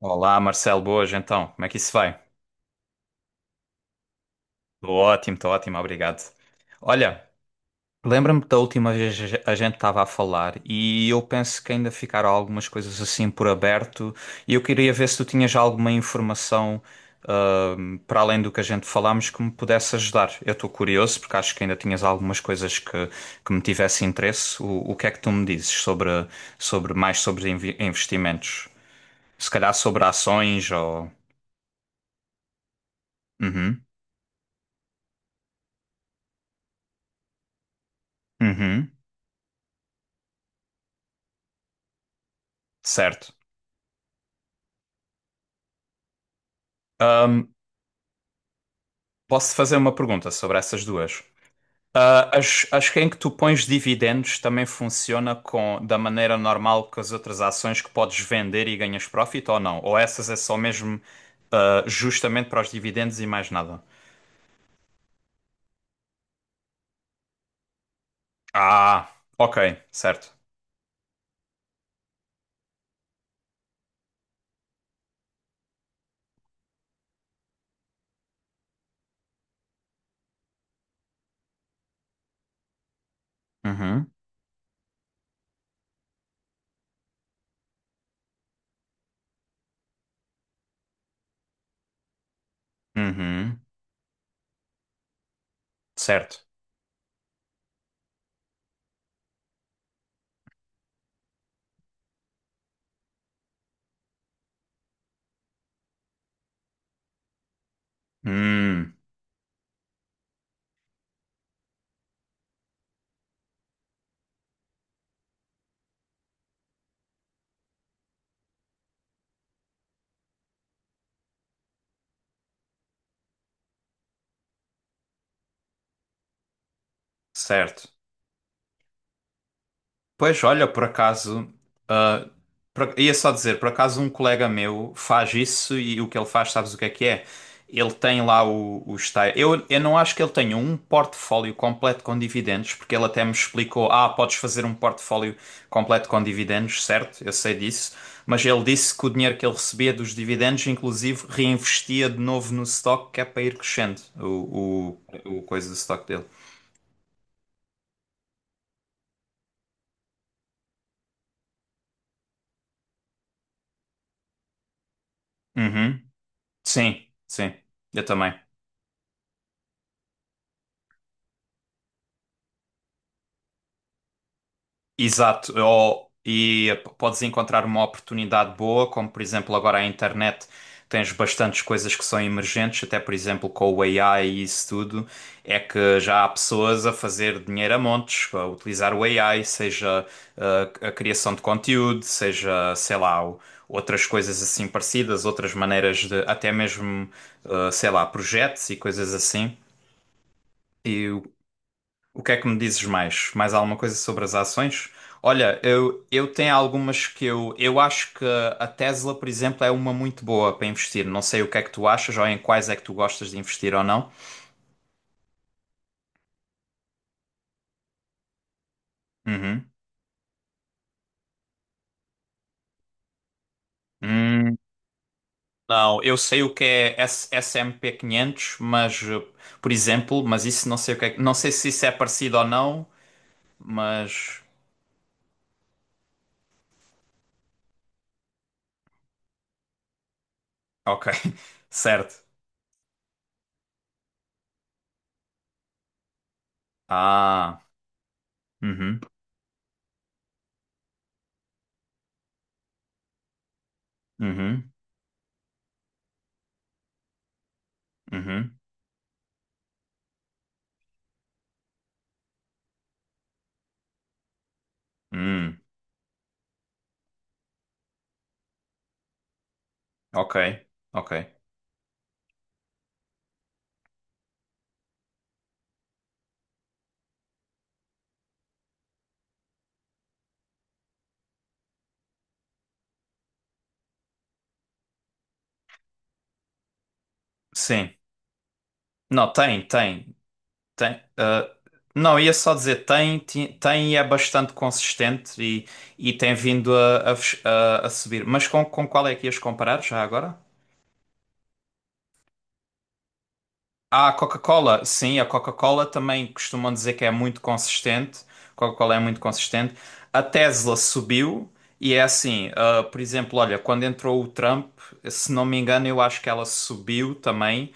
Olá, Marcelo, boas então. Como é que isso vai? Tô ótimo, estou ótimo, obrigado. Olha, lembra-me da última vez a gente estava a falar e eu penso que ainda ficaram algumas coisas assim por aberto, e eu queria ver se tu tinhas alguma informação para além do que a gente falámos que me pudesse ajudar. Eu estou curioso porque acho que ainda tinhas algumas coisas que me tivesse interesse. O que é que tu me dizes sobre mais sobre investimentos? Se calhar sobre ações ou... Uhum, uhum. Certo. Ahm, Posso fazer uma pergunta sobre essas duas? Ah, as que em que tu pões dividendos também funciona com da maneira normal que as outras ações que podes vender e ganhas profit ou não? Ou essas é só mesmo justamente para os dividendos e mais nada? Ah, ok, certo. Uhum, uhum, certo. Hum, certo. Pois, olha, por acaso, ah, ia só dizer, por acaso um colega meu faz isso e o que ele faz, sabes o que é que é? Ele tem lá. Eu não acho que ele tenha um portfólio completo com dividendos, porque ele até me explicou, podes fazer um portfólio completo com dividendos, certo? Eu sei disso, mas ele disse que o dinheiro que ele recebia dos dividendos, inclusive, reinvestia de novo no stock, que é para ir crescendo o coisa do stock dele. Uhum. Sim, sim, eu também. Exato, ou, e podes encontrar uma oportunidade boa, como por exemplo agora a internet tens bastantes coisas que são emergentes, até por exemplo com o AI e isso tudo, é que já há pessoas a fazer dinheiro a montes, a utilizar o AI, seja a criação de conteúdo, seja, sei lá, outras coisas assim parecidas, outras maneiras de, até mesmo, sei lá, projetos e coisas assim. E o que é que me dizes mais? Mais alguma coisa sobre as ações? Olha, eu, tenho algumas que eu acho que a Tesla, por exemplo, é uma muito boa para investir. Não sei o que é que tu achas ou em quais é que tu gostas de investir ou não. Uhum. Hum, não, eu sei o que é S&P 500, mas, por exemplo, mas isso não sei o que é, não sei se isso é parecido ou não, mas ok, certo. Ah, uhum, uhum, uhum, hum, ok, ok. Sim. Não, tem, tem, tem. Não, ia só dizer tem, tem, e é bastante consistente e tem vindo a subir. Mas com qual é que ias comparar já agora? A Coca-Cola, sim, a Coca-Cola também costumam dizer que é muito consistente. Coca-Cola é muito consistente. A Tesla subiu e é assim, ah, por exemplo, olha, quando entrou o Trump, se não me engano, eu acho que ela subiu também.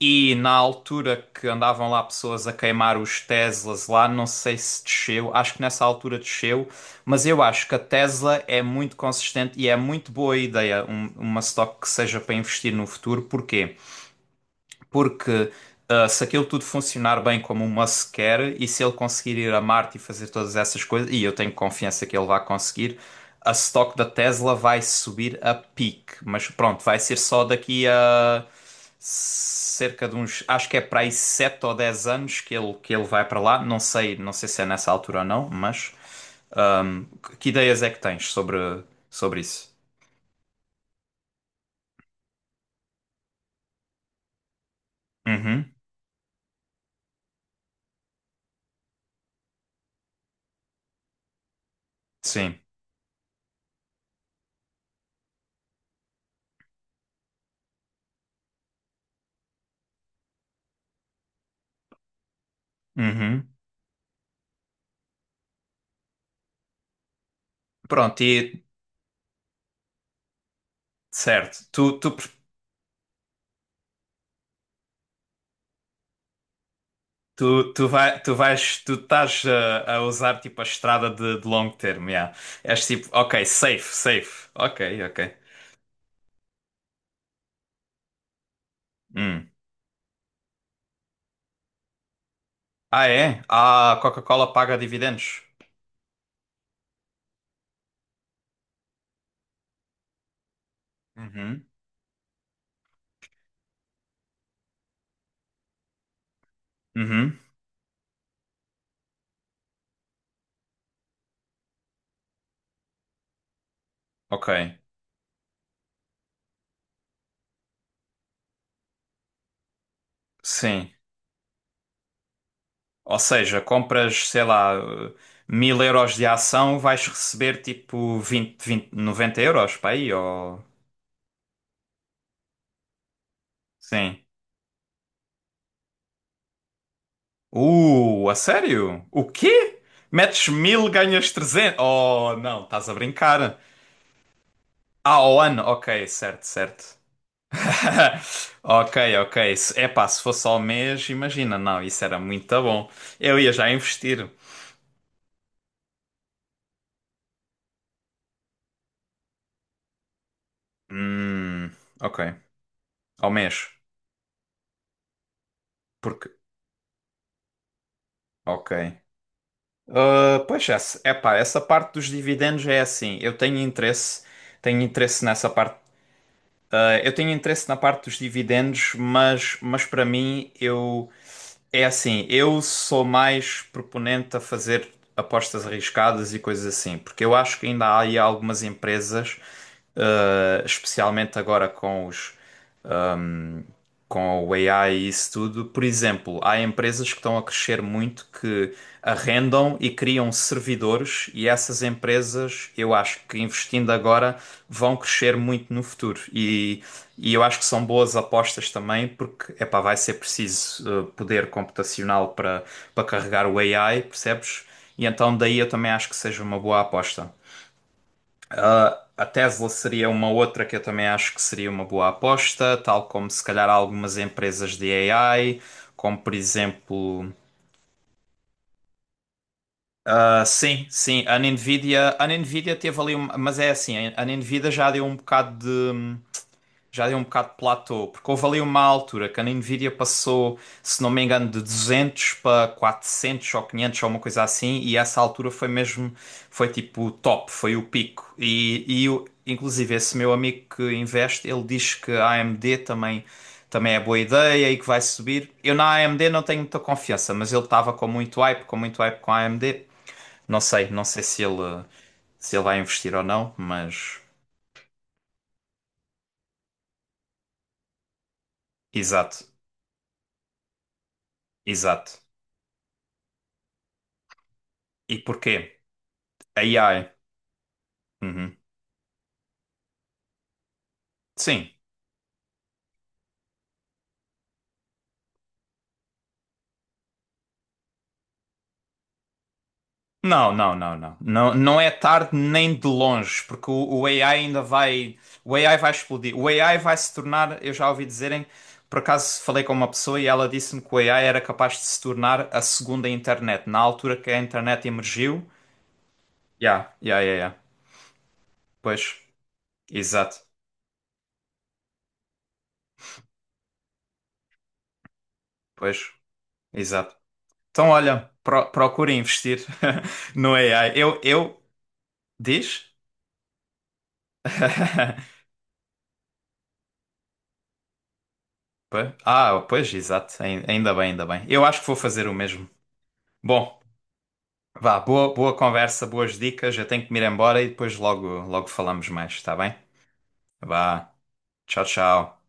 E na altura que andavam lá pessoas a queimar os Teslas lá, não sei se desceu, acho que nessa altura desceu, mas eu acho que a Tesla é muito consistente e é muito boa ideia uma stock que seja para investir no futuro. Porquê? Porque se aquilo tudo funcionar bem como o Musk quer e se ele conseguir ir a Marte e fazer todas essas coisas, e eu tenho confiança que ele vai conseguir, a stock da Tesla vai subir a pique. Mas pronto, vai ser só daqui a cerca de uns, acho que é para aí 7 ou 10 anos que ele, vai para lá. Não sei, não sei se é nessa altura ou não, mas ahm, que ideias é que tens sobre isso? Uhum, sim. Uhum. Pronto, e certo. Tu vais, tu estás a usar tipo a estrada de longo termo, yeah. És tipo, ok, safe, safe. Ok, ok. Hum. Ah, é? Ah, a Coca-Cola paga dividendos. Uhum. Uhum. Ok. Sim. Ou seja, compras, sei lá, uh, 1.000 euros de ação, vais receber tipo 20, 20, 90 euros para aí, ou... Sim. A sério? O quê? Metes mil, ganhas 300? Oh, não, estás a brincar. Ah, ao ano, ok, certo, certo. Ok, ok. Epá, se fosse ao mês, imagina, não, isso era muito bom. Eu ia já investir. Hum, ok, ao mês. Porque, ok. Ah, pois é, epá, essa parte dos dividendos é assim. Eu tenho interesse nessa parte. Ah, eu tenho interesse na parte dos dividendos, mas para mim, eu. É assim, eu sou mais proponente a fazer apostas arriscadas e coisas assim, porque eu acho que ainda há aí algumas empresas, especialmente agora com o AI e isso tudo. Por exemplo, há empresas que estão a crescer muito que arrendam e criam servidores, e essas empresas, eu acho que investindo agora, vão crescer muito no futuro. E eu acho que são boas apostas também, porque epá, vai ser preciso poder computacional para carregar o AI, percebes? E então daí eu também acho que seja uma boa aposta. Ah, a Tesla seria uma outra que eu também acho que seria uma boa aposta, tal como se calhar algumas empresas de AI, como por exemplo. Ah, sim, sim, a Nvidia teve ali, mas é assim, a Nvidia já deu um bocado de. Já deu um bocado de platô, porque houve ali uma altura que a Nvidia passou, se não me engano, de 200 para 400 ou 500 ou uma coisa assim, e essa altura foi mesmo, foi tipo o top, foi o pico. E inclusive esse meu amigo que investe, ele diz que a AMD também é boa ideia e que vai subir. Eu na AMD não tenho muita confiança, mas ele estava com muito hype, com muito hype com a AMD. Não sei, não sei se ele vai investir ou não, mas... Exato, exato. E porquê? A AI. Uhum. Sim. Não, não, não, não. Não, não é tarde nem de longe, porque o AI ainda vai. O AI vai explodir. O AI vai se tornar. Eu já ouvi dizerem. Por acaso falei com uma pessoa e ela disse-me que o AI era capaz de se tornar a segunda internet. Na altura que a internet emergiu. Ya, ya, ya, ya. Pois, exato. Pois, exato. Então, olha, procura investir no AI. Eu. Diz? Ah, pois, exato. Ainda bem, ainda bem. Eu acho que vou fazer o mesmo. Bom, vá, boa, boa conversa, boas dicas. Eu tenho que me ir embora e depois logo, logo falamos mais, está bem? Vá, tchau, tchau.